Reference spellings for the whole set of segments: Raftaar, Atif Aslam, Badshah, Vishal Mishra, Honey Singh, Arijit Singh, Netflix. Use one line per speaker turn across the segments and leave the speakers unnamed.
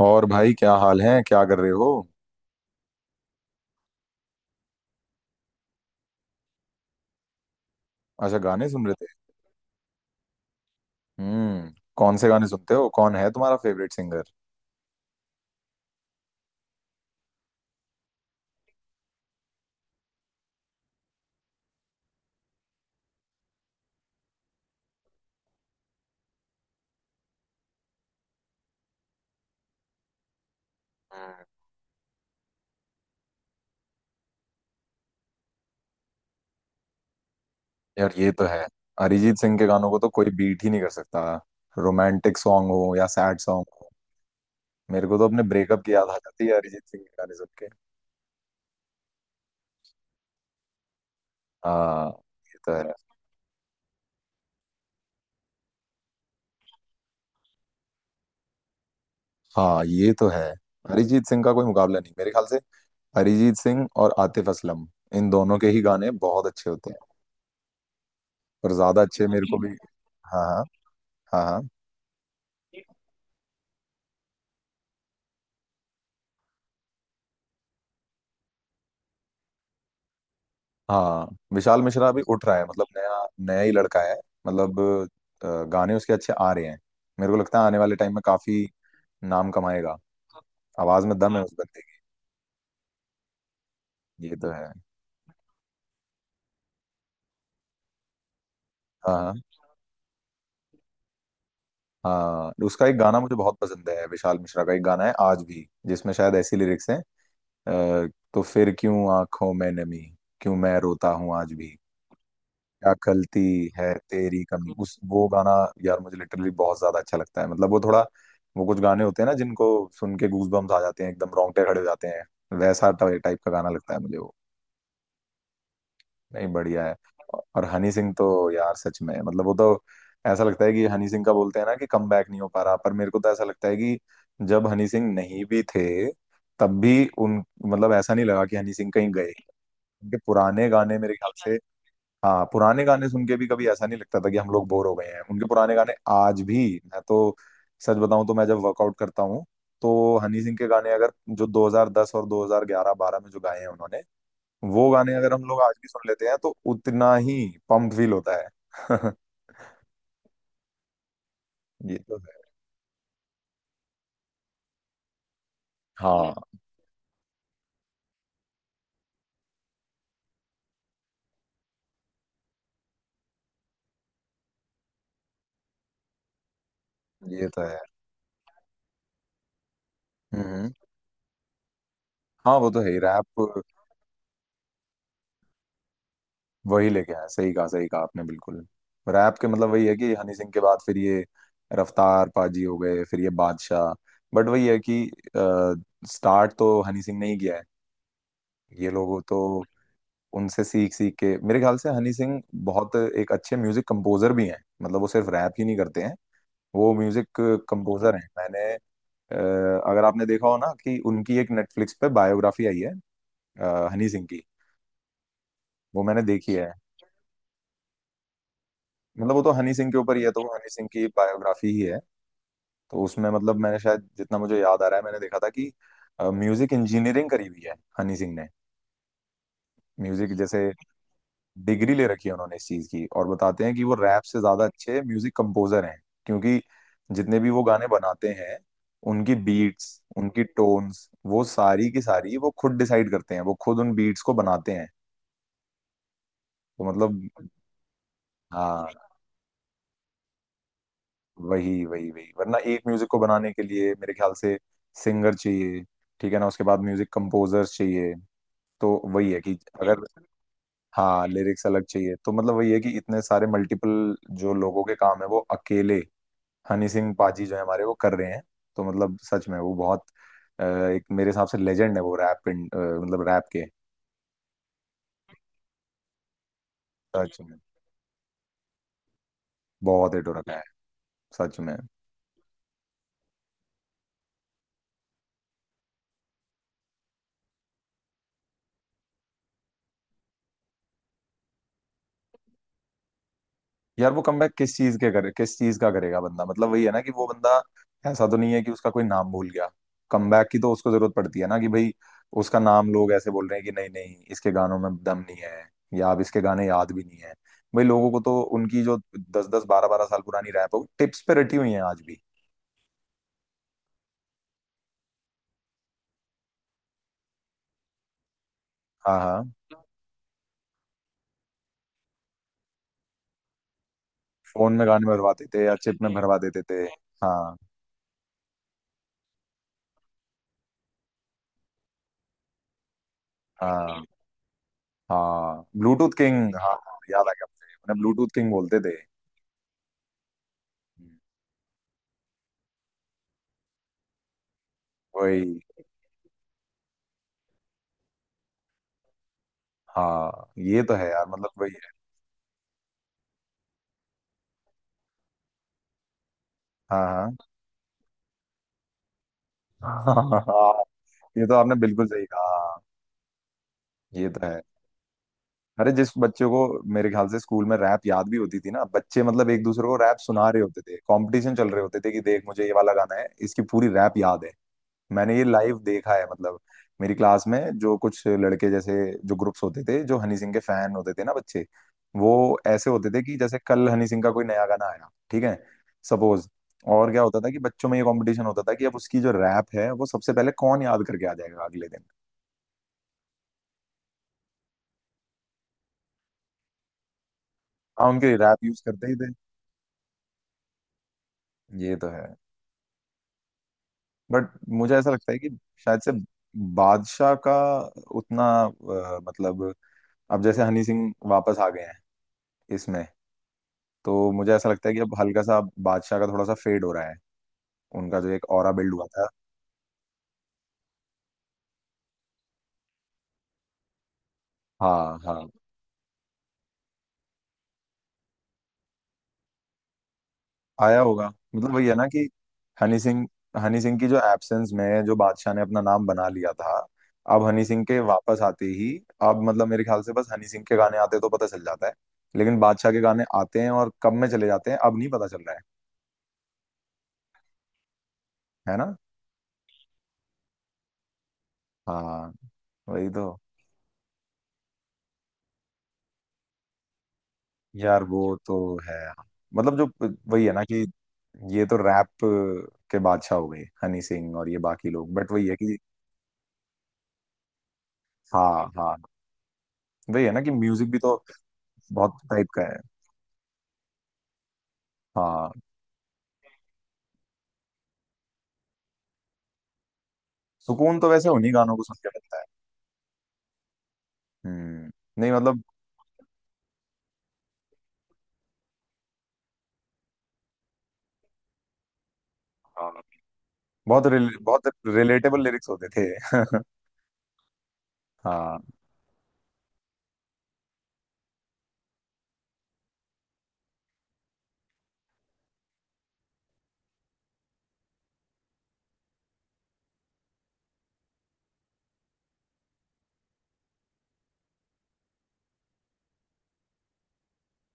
और भाई, क्या हाल है? क्या कर रहे हो? अच्छा, गाने सुन रहे थे। हम्म। कौन से गाने सुनते हो? कौन है तुम्हारा फेवरेट सिंगर? हम्म। यार, ये तो है। अरिजीत सिंह के गानों को तो कोई बीट ही नहीं कर सकता। रोमांटिक सॉन्ग हो या सैड सॉन्ग हो। मेरे को तो अपने ब्रेकअप की याद आ जाती है अरिजीत सिंह के गाने सुन के। हाँ, ये तो है। हाँ, ये तो है। अरिजीत सिंह का कोई मुकाबला नहीं मेरे ख्याल से। अरिजीत सिंह और आतिफ असलम, इन दोनों के ही गाने बहुत अच्छे होते हैं, और ज्यादा अच्छे मेरे को भी। हाँ, हाँ, हाँ, हाँ, हाँ। विशाल मिश्रा अभी उठ रहा है, मतलब नया नया ही लड़का है। मतलब गाने उसके अच्छे आ रहे हैं। मेरे को लगता है आने वाले टाइम में काफी नाम कमाएगा। आवाज में दम है उस बंदे की। ये तो है। हाँ, हाँ, हाँ, उसका एक गाना मुझे बहुत पसंद है। विशाल मिश्रा का एक गाना है आज भी जिसमें शायद ऐसी लिरिक्स हैं। अ, तो फिर क्यों आंखों में नमी, क्यों मैं रोता हूँ आज भी, क्या खलती है तेरी कमी। उस वो गाना, यार, मुझे लिटरली बहुत ज्यादा अच्छा लगता है। मतलब वो थोड़ा, वो कुछ गाने होते हैं ना जिनको सुन के गूज बम्स आ जाते हैं, एकदम रोंगटे खड़े हो जाते हैं। वैसा टाइप का गाना लगता है मुझे वो। नहीं, बढ़िया है। और हनी सिंह तो, यार सच में, मतलब वो तो ऐसा लगता है कि हनी सिंह का बोलते हैं ना कि कम बैक नहीं हो पा रहा, पर मेरे को तो ऐसा लगता है कि जब हनी सिंह नहीं भी थे, तब भी उन मतलब ऐसा नहीं लगा कि हनी सिंह कहीं गए। उनके पुराने गाने मेरे ख्याल से, हाँ, पुराने गाने सुन के भी कभी ऐसा नहीं लगता था कि हम लोग बोर हो गए हैं उनके पुराने गाने आज भी। मैं तो, सच बताऊं तो, मैं जब वर्कआउट करता हूँ तो हनी सिंह के गाने, अगर जो 2010 और 2011 12 में जो गाए हैं उन्होंने, वो गाने अगर हम लोग आज भी सुन लेते हैं, तो उतना ही पम्प फील होता है। ये तो है। हाँ, ये तो है। हम्म। हाँ, वो तो है ही। रैप वही लेके आया, सही कहा, सही कहा आपने, बिल्कुल। रैप के मतलब वही है कि हनी सिंह के बाद फिर ये रफ्तार पाजी हो गए, फिर ये बादशाह। बट वही है कि स्टार्ट तो हनी सिंह ने ही किया है। ये लोगों तो उनसे सीख सीख के, मेरे ख्याल से हनी सिंह बहुत एक अच्छे म्यूजिक कंपोजर भी हैं। मतलब वो सिर्फ रैप ही नहीं करते हैं, वो म्यूजिक कंपोजर हैं। मैंने अ, अगर आपने देखा हो ना कि उनकी एक नेटफ्लिक्स पे बायोग्राफी आई है, हनी सिंह की, वो मैंने देखी है। मतलब वो तो हनी सिंह के ऊपर ही है, तो वो हनी सिंह की बायोग्राफी ही है। तो उसमें मतलब मैंने शायद, जितना मुझे याद आ रहा है, मैंने देखा था कि म्यूजिक इंजीनियरिंग करी हुई है हनी सिंह ने। म्यूजिक जैसे डिग्री ले रखी है उन्होंने इस चीज की, और बताते हैं कि वो रैप से ज्यादा अच्छे म्यूजिक कंपोजर हैं, क्योंकि जितने भी वो गाने बनाते हैं, उनकी बीट्स, उनकी टोन्स, वो सारी की सारी वो खुद डिसाइड करते हैं, वो खुद उन बीट्स को बनाते हैं। तो मतलब, हाँ, वही वही वही, वरना एक म्यूजिक को बनाने के लिए मेरे ख्याल से सिंगर चाहिए, ठीक है ना, उसके बाद म्यूजिक कंपोजर्स चाहिए। तो वही है कि अगर, हाँ, लिरिक्स अलग चाहिए, तो मतलब वही है कि इतने सारे मल्टीपल जो लोगों के काम है वो अकेले हनी सिंह पाजी जो है हमारे वो कर रहे हैं। तो मतलब सच में वो बहुत एक मेरे हिसाब से लेजेंड है, वो रैप, मतलब रैप के। सच में बहुत हिट हो रखा है। सच में। यार, वो कमबैक किस चीज के करे, किस चीज का करेगा बंदा? मतलब वही है ना कि वो बंदा, ऐसा तो नहीं है कि उसका कोई नाम भूल गया। कमबैक की तो उसको जरूरत पड़ती है ना कि भाई उसका नाम लोग ऐसे बोल रहे हैं कि नहीं, नहीं, इसके गानों में दम नहीं है, या अब इसके गाने याद भी नहीं है। भाई लोगों को तो उनकी जो दस दस बारह बारह साल पुरानी रैप हो, टिप्स पे रटी हुई है आज भी। हाँ, हाँ। फोन में गाने भरवा देते या चिप में भरवा देते थे। हाँ, हाँ, हाँ, ब्लूटूथ किंग, हाँ, हाँ, याद आ गया मुझे, उन्हें ब्लूटूथ किंग बोलते थे। वही, हाँ, ये तो है यार, मतलब वही है। हाँ, हाँ, हाँ, ये तो आपने बिल्कुल सही कहा, हाँ, ये तो है। अरे, जिस बच्चों को, मेरे ख्याल से स्कूल में रैप याद भी होती थी ना बच्चे, मतलब एक दूसरे को रैप सुना रहे होते थे, कंपटीशन चल रहे होते थे कि देख, मुझे ये वाला गाना है, इसकी पूरी रैप याद है। मैंने ये लाइव देखा है। मतलब मेरी क्लास में जो कुछ लड़के, जैसे जो ग्रुप्स होते थे जो हनी सिंह के फैन होते थे ना बच्चे, वो ऐसे होते थे कि जैसे कल हनी सिंह का कोई नया गाना आया, ठीक है, सपोज, और क्या होता था कि बच्चों में ये कंपटीशन होता था कि अब उसकी जो रैप है वो सबसे पहले कौन याद करके आ जाएगा अगले दिन। हम उनके रैप यूज करते ही थे। ये तो है। बट मुझे ऐसा लगता है कि शायद से बादशाह का उतना मतलब, अब जैसे हनी सिंह वापस आ गए हैं इसमें, तो मुझे ऐसा लगता है कि अब हल्का सा बादशाह का थोड़ा सा फेड हो रहा है उनका जो एक ऑरा बिल्ड हुआ था। हाँ, हाँ। आया होगा। मतलब वही है ना कि हनी सिंह हनी सिंह की जो एब्सेंस में जो बादशाह ने अपना नाम बना लिया था, अब हनी सिंह के वापस आते ही, अब मतलब मेरे ख्याल से बस, हनी सिंह के गाने आते तो पता चल जाता है, लेकिन बादशाह के गाने आते हैं और कब में चले जाते हैं अब नहीं पता चल रहा है। है ना? हाँ, वही तो। यार, वो तो है, मतलब जो वही है ना कि ये तो रैप के बादशाह हो गए हनी सिंह, और ये बाकी लोग, बट वही है कि। हाँ, हाँ। वही है ना कि म्यूजिक भी तो बहुत टाइप का है। हाँ, सुकून तो वैसे उन्हीं गानों को सुन के मिलता है। हम्म। नहीं, मतलब, हाँ, बहुत रिलेटेबल लिरिक्स होते थे। हाँ।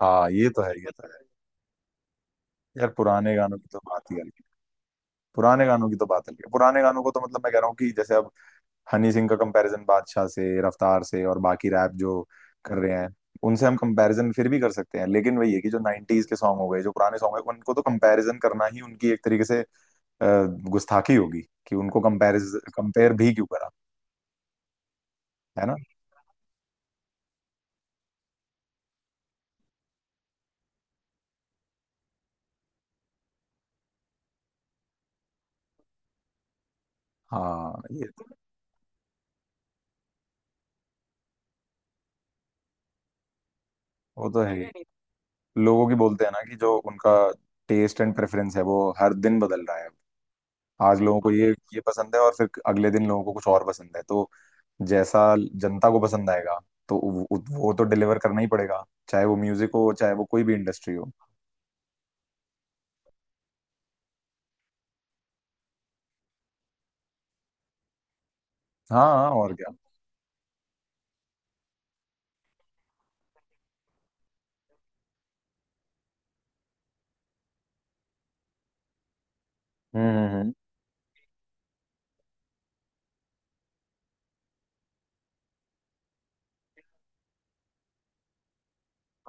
हाँ, ये तो है। ये तो है। यार पुराने गानों की तो बात ही अलग है। पुराने गानों की तो बात अलग है। पुराने गानों को तो मतलब मैं कह रहा हूँ कि जैसे अब हनी सिंह का कंपैरिजन बादशाह से, रफ्तार से, और बाकी रैप जो कर रहे हैं उनसे हम कंपैरिजन फिर भी कर सकते हैं, लेकिन वही है कि जो 90s के सॉन्ग हो गए, जो पुराने सॉन्ग है, उनको तो कंपैरिजन करना ही उनकी एक तरीके से अ, गुस्ताखी होगी। कि उनको कंपैरिज कंपेयर भी क्यों करा? है ना? हाँ, ये तो, वो तो है ही। लोगों की बोलते हैं ना कि जो उनका टेस्ट एंड प्रेफरेंस है वो हर दिन बदल रहा है। आज लोगों को ये पसंद है और फिर अगले दिन लोगों को कुछ और पसंद है। तो जैसा जनता को पसंद आएगा, तो वो तो डिलीवर करना ही पड़ेगा, चाहे वो म्यूजिक हो, चाहे वो कोई भी इंडस्ट्री हो। हाँ, हाँ, और क्या। हम्म,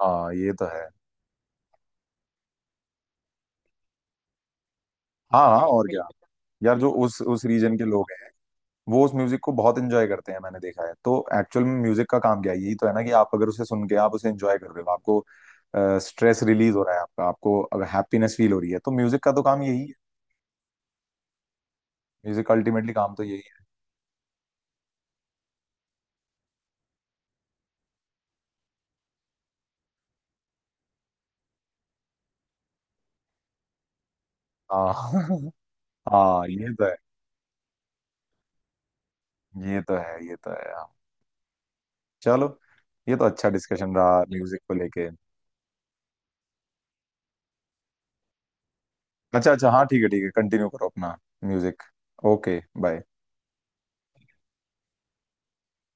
हाँ, ये तो है। हाँ, हाँ, और क्या। यार, जो उस रीजन के लोग हैं वो उस म्यूजिक को बहुत एंजॉय करते हैं, मैंने देखा है। तो एक्चुअल में म्यूजिक का काम क्या है? यही तो है ना कि आप अगर उसे सुन के, आप उसे एंजॉय कर रहे हो, आपको स्ट्रेस रिलीज हो रहा है आपका, आपको अगर हैप्पीनेस फील हो रही है, तो म्यूजिक का तो काम यही है। म्यूजिक अल्टीमेटली काम तो यही है। हाँ, हाँ, ये तो है। ये तो है। ये तो है। हाँ। चलो, ये तो अच्छा डिस्कशन रहा म्यूजिक को लेके। अच्छा, अच्छा, हाँ, ठीक है, ठीक है, कंटिन्यू करो अपना म्यूजिक। ओके। बाय।